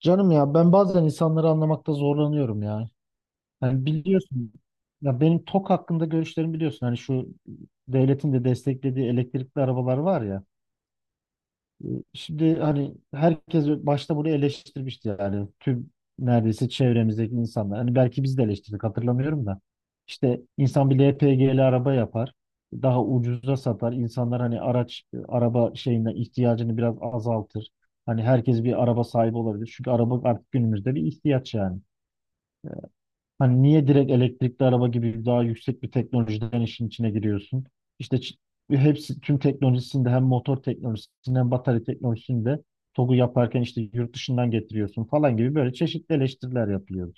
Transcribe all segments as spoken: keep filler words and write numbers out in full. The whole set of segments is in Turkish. Canım ya ben bazen insanları anlamakta zorlanıyorum ya. Yani biliyorsun ya benim T O K hakkında görüşlerimi biliyorsun. Hani şu devletin de desteklediği elektrikli arabalar var ya. Şimdi hani herkes başta bunu eleştirmişti yani tüm neredeyse çevremizdeki insanlar. Hani belki biz de eleştirdik hatırlamıyorum da. İşte insan bir L P G'li araba yapar. Daha ucuza satar. İnsanlar hani araç, araba şeyinden ihtiyacını biraz azaltır. Hani herkes bir araba sahibi olabilir. Çünkü araba artık günümüzde bir ihtiyaç yani. Hani niye direkt elektrikli araba gibi daha yüksek bir teknolojiden işin içine giriyorsun? İşte ç- hepsi tüm teknolojisinde hem motor teknolojisinde hem batarya teknolojisinde T O G'u yaparken işte yurt dışından getiriyorsun falan gibi böyle çeşitli eleştiriler yapılıyor.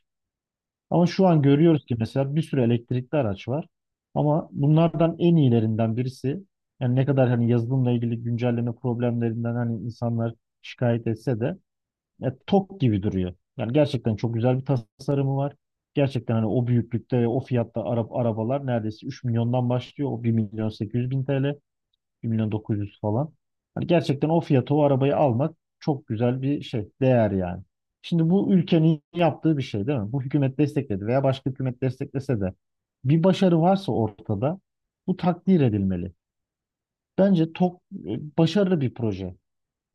Ama şu an görüyoruz ki mesela bir sürü elektrikli araç var. Ama bunlardan en iyilerinden birisi yani ne kadar hani yazılımla ilgili güncelleme problemlerinden hani insanlar şikayet etse de ya tok gibi duruyor. Yani gerçekten çok güzel bir tasarımı var. Gerçekten hani o büyüklükte, o fiyatta Arap arabalar neredeyse üç milyondan başlıyor. O bir milyon sekiz yüz bin T L, bir milyon dokuz yüz falan. Hani gerçekten o fiyata o arabayı almak çok güzel bir şey, değer yani. Şimdi bu ülkenin yaptığı bir şey değil mi? Bu hükümet destekledi veya başka hükümet desteklese de bir başarı varsa ortada bu takdir edilmeli. Bence çok e, başarılı bir proje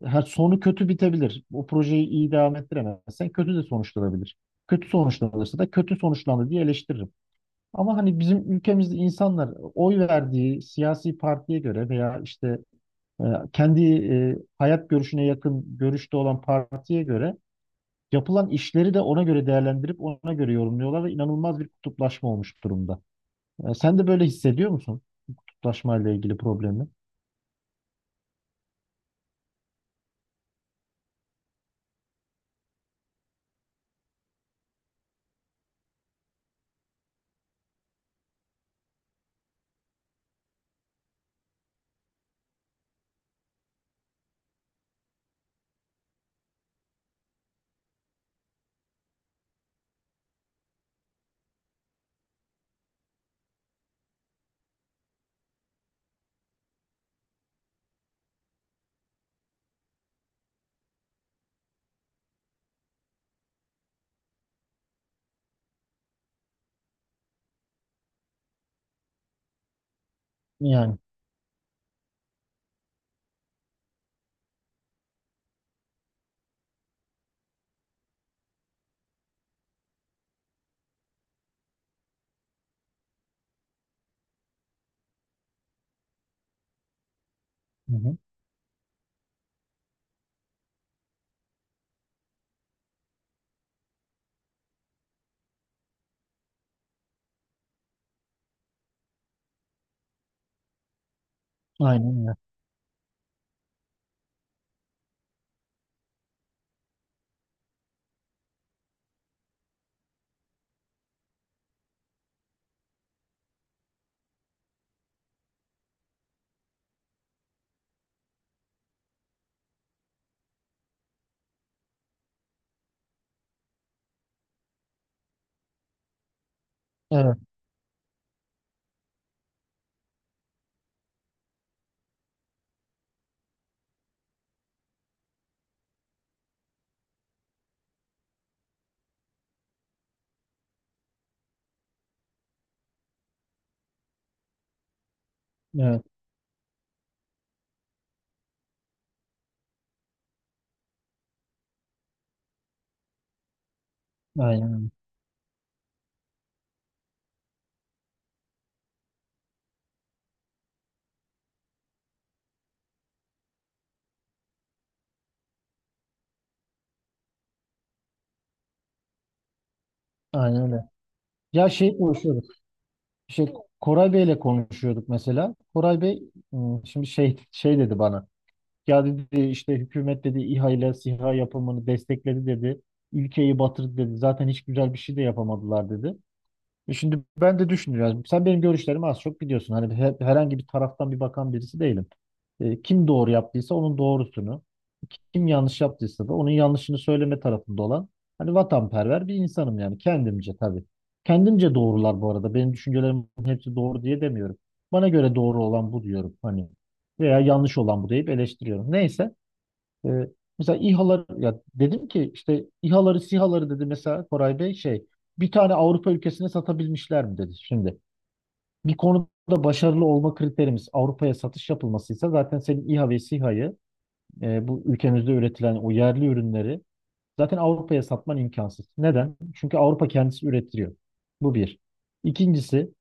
ha, sonu kötü bitebilir. O projeyi iyi devam ettiremezsen kötü de sonuçlanabilir. Kötü sonuçlanırsa da kötü sonuçlandı diye eleştiririm. Ama hani bizim ülkemizde insanlar oy verdiği siyasi partiye göre veya işte e, kendi e, hayat görüşüne yakın görüşte olan partiye göre yapılan işleri de ona göre değerlendirip ona göre yorumluyorlar ve inanılmaz bir kutuplaşma olmuş durumda. E, sen de böyle hissediyor musun kutuplaşma ile ilgili problemi? Yani. Hı hı. Aynen öyle. Evet, evet. Aynen öyle. Aynen öyle. Ya şey konuşuyorduk. Şey, Koray Bey'le konuşuyorduk mesela. Koray Bey ım, şimdi şey şey dedi bana. Ya dedi işte hükümet dedi İHA ile SİHA yapımını destekledi dedi. Ülkeyi batırdı dedi. Zaten hiç güzel bir şey de yapamadılar dedi. E, şimdi ben de düşünüyorum. Sen benim görüşlerimi az çok biliyorsun. Hani he- herhangi bir taraftan bir bakan birisi değilim. E, kim doğru yaptıysa onun doğrusunu, kim yanlış yaptıysa da onun yanlışını söyleme tarafında olan hani vatanperver bir insanım yani kendimce tabii. Kendimce doğrular bu arada. Benim düşüncelerimin hepsi doğru diye demiyorum. Bana göre doğru olan bu diyorum hani veya yanlış olan bu deyip eleştiriyorum. Neyse. Ee, Mesela İHA'lar ya dedim ki işte İHA'ları SİHA'ları dedi mesela Koray Bey şey bir tane Avrupa ülkesine satabilmişler mi dedi şimdi. Bir konuda başarılı olma kriterimiz Avrupa'ya satış yapılmasıysa zaten senin İHA ve SİHA'yı e, bu ülkemizde üretilen o yerli ürünleri zaten Avrupa'ya satman imkansız. Neden? Çünkü Avrupa kendisi üretiliyor. Bu bir. İkincisi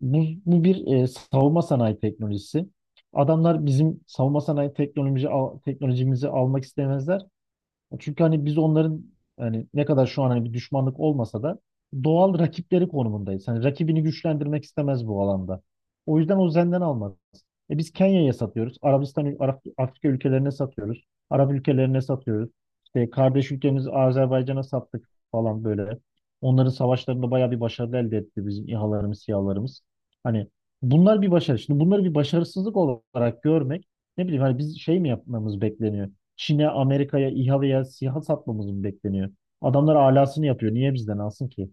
bu, bu bir e, savunma sanayi teknolojisi. Adamlar bizim savunma sanayi teknoloji, al- teknolojimizi almak istemezler. Çünkü hani biz onların hani ne kadar şu an hani bir düşmanlık olmasa da doğal rakipleri konumundayız. Hani rakibini güçlendirmek istemez bu alanda. O yüzden o Zen'den almaz. E, biz Kenya'ya satıyoruz. Arabistan, Arap, Afrika ülkelerine satıyoruz. Arap ülkelerine satıyoruz. İşte kardeş ülkemiz Azerbaycan'a sattık falan böyle. Onların savaşlarında bayağı bir başarı elde etti bizim İHA'larımız, SİHA'larımız. Hani bunlar bir başarı. Şimdi bunları bir başarısızlık olarak görmek ne bileyim hani biz şey mi yapmamız bekleniyor? Çin'e, Amerika'ya, İHA veya SİHA satmamız mı bekleniyor? Adamlar alasını yapıyor. Niye bizden alsın ki?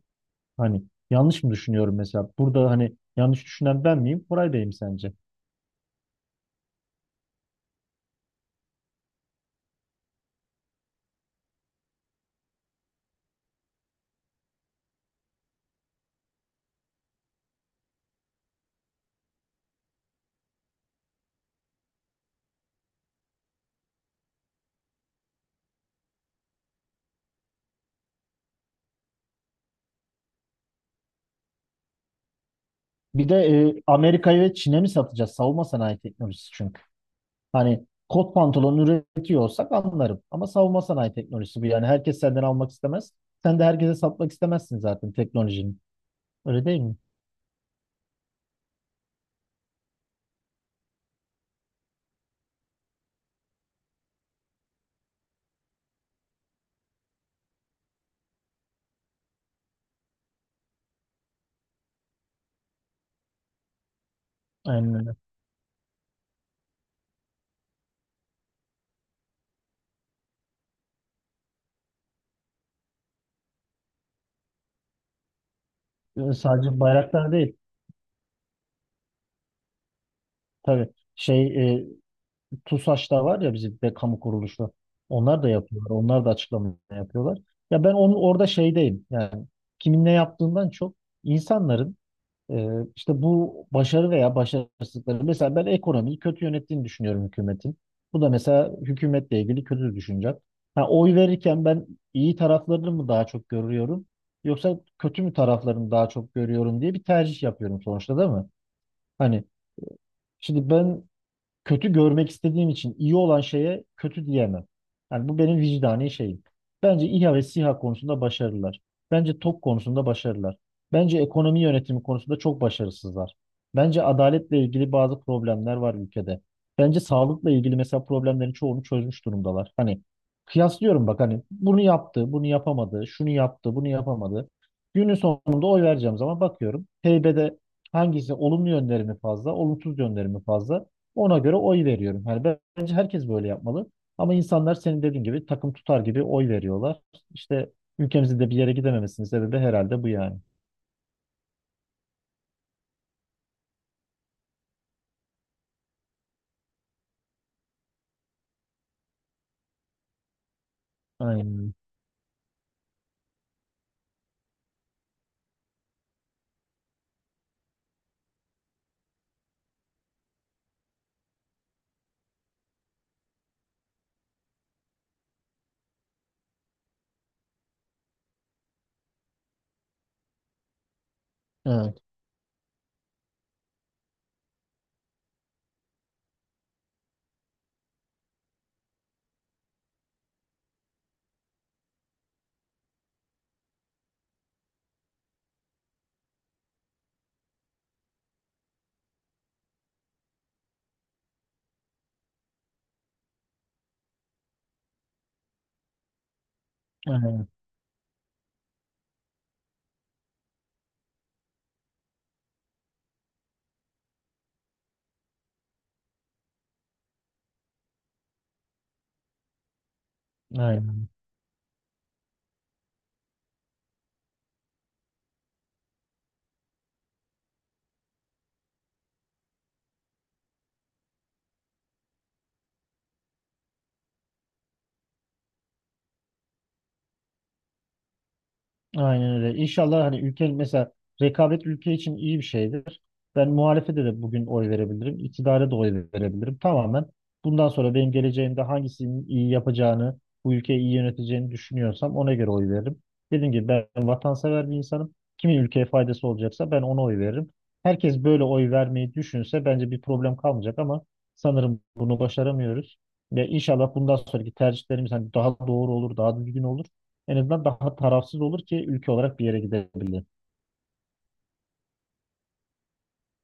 Hani yanlış mı düşünüyorum mesela? Burada hani yanlış düşünen ben miyim? Koray Bey mi sence? Bir de e, Amerika'ya ve Çin'e mi satacağız? Savunma sanayi teknolojisi çünkü. Hani kot pantolon üretiyor olsak anlarım. Ama savunma sanayi teknolojisi bu. Yani herkes senden almak istemez. Sen de herkese satmak istemezsin zaten teknolojinin. Öyle değil mi? Aynen öyle. E, sadece bayraklar değil. Tabii şey e, TUSAŞ'ta var ya bizim be kamu kuruluşu. Onlar da yapıyorlar. Onlar da açıklama yapıyorlar. Ya ben onun orada şeydeyim. Yani kimin ne yaptığından çok insanların e, işte bu başarı veya başarısızlıkları mesela ben ekonomiyi kötü yönettiğini düşünüyorum hükümetin. Bu da mesela hükümetle ilgili kötü düşüncem. Ha, oy verirken ben iyi taraflarını mı daha çok görüyorum yoksa kötü mü taraflarını daha çok görüyorum diye bir tercih yapıyorum sonuçta değil mi? Hani şimdi ben kötü görmek istediğim için iyi olan şeye kötü diyemem. Yani bu benim vicdani şeyim. Bence İHA ve SİHA konusunda başarılılar. Bence T O K konusunda başarılılar. Bence ekonomi yönetimi konusunda çok başarısızlar. Bence adaletle ilgili bazı problemler var ülkede. Bence sağlıkla ilgili mesela problemlerin çoğunu çözmüş durumdalar. Hani kıyaslıyorum bak hani bunu yaptı, bunu yapamadı, şunu yaptı, bunu yapamadı. Günün sonunda oy vereceğim zaman bakıyorum. Heybede hangisi olumlu yönleri mi fazla, olumsuz yönleri mi fazla? Ona göre oy veriyorum. Yani bence herkes böyle yapmalı. Ama insanlar senin dediğin gibi takım tutar gibi oy veriyorlar. İşte ülkemizin de bir yere gidememesinin sebebi herhalde bu yani. Aynen. Evet. Aynen. Aynen. Aynen öyle. İnşallah hani ülke mesela rekabet ülke için iyi bir şeydir. Ben muhalefete de bugün oy verebilirim. İktidara da oy verebilirim. Tamamen bundan sonra benim geleceğimde hangisinin iyi yapacağını, bu ülkeyi iyi yöneteceğini düşünüyorsam ona göre oy veririm. Dediğim gibi ben vatansever bir insanım. Kimin ülkeye faydası olacaksa ben ona oy veririm. Herkes böyle oy vermeyi düşünse bence bir problem kalmayacak ama sanırım bunu başaramıyoruz. Ve inşallah bundan sonraki tercihlerimiz hani daha doğru olur, daha düzgün olur. En azından daha tarafsız olur ki ülke olarak bir yere gidebilir.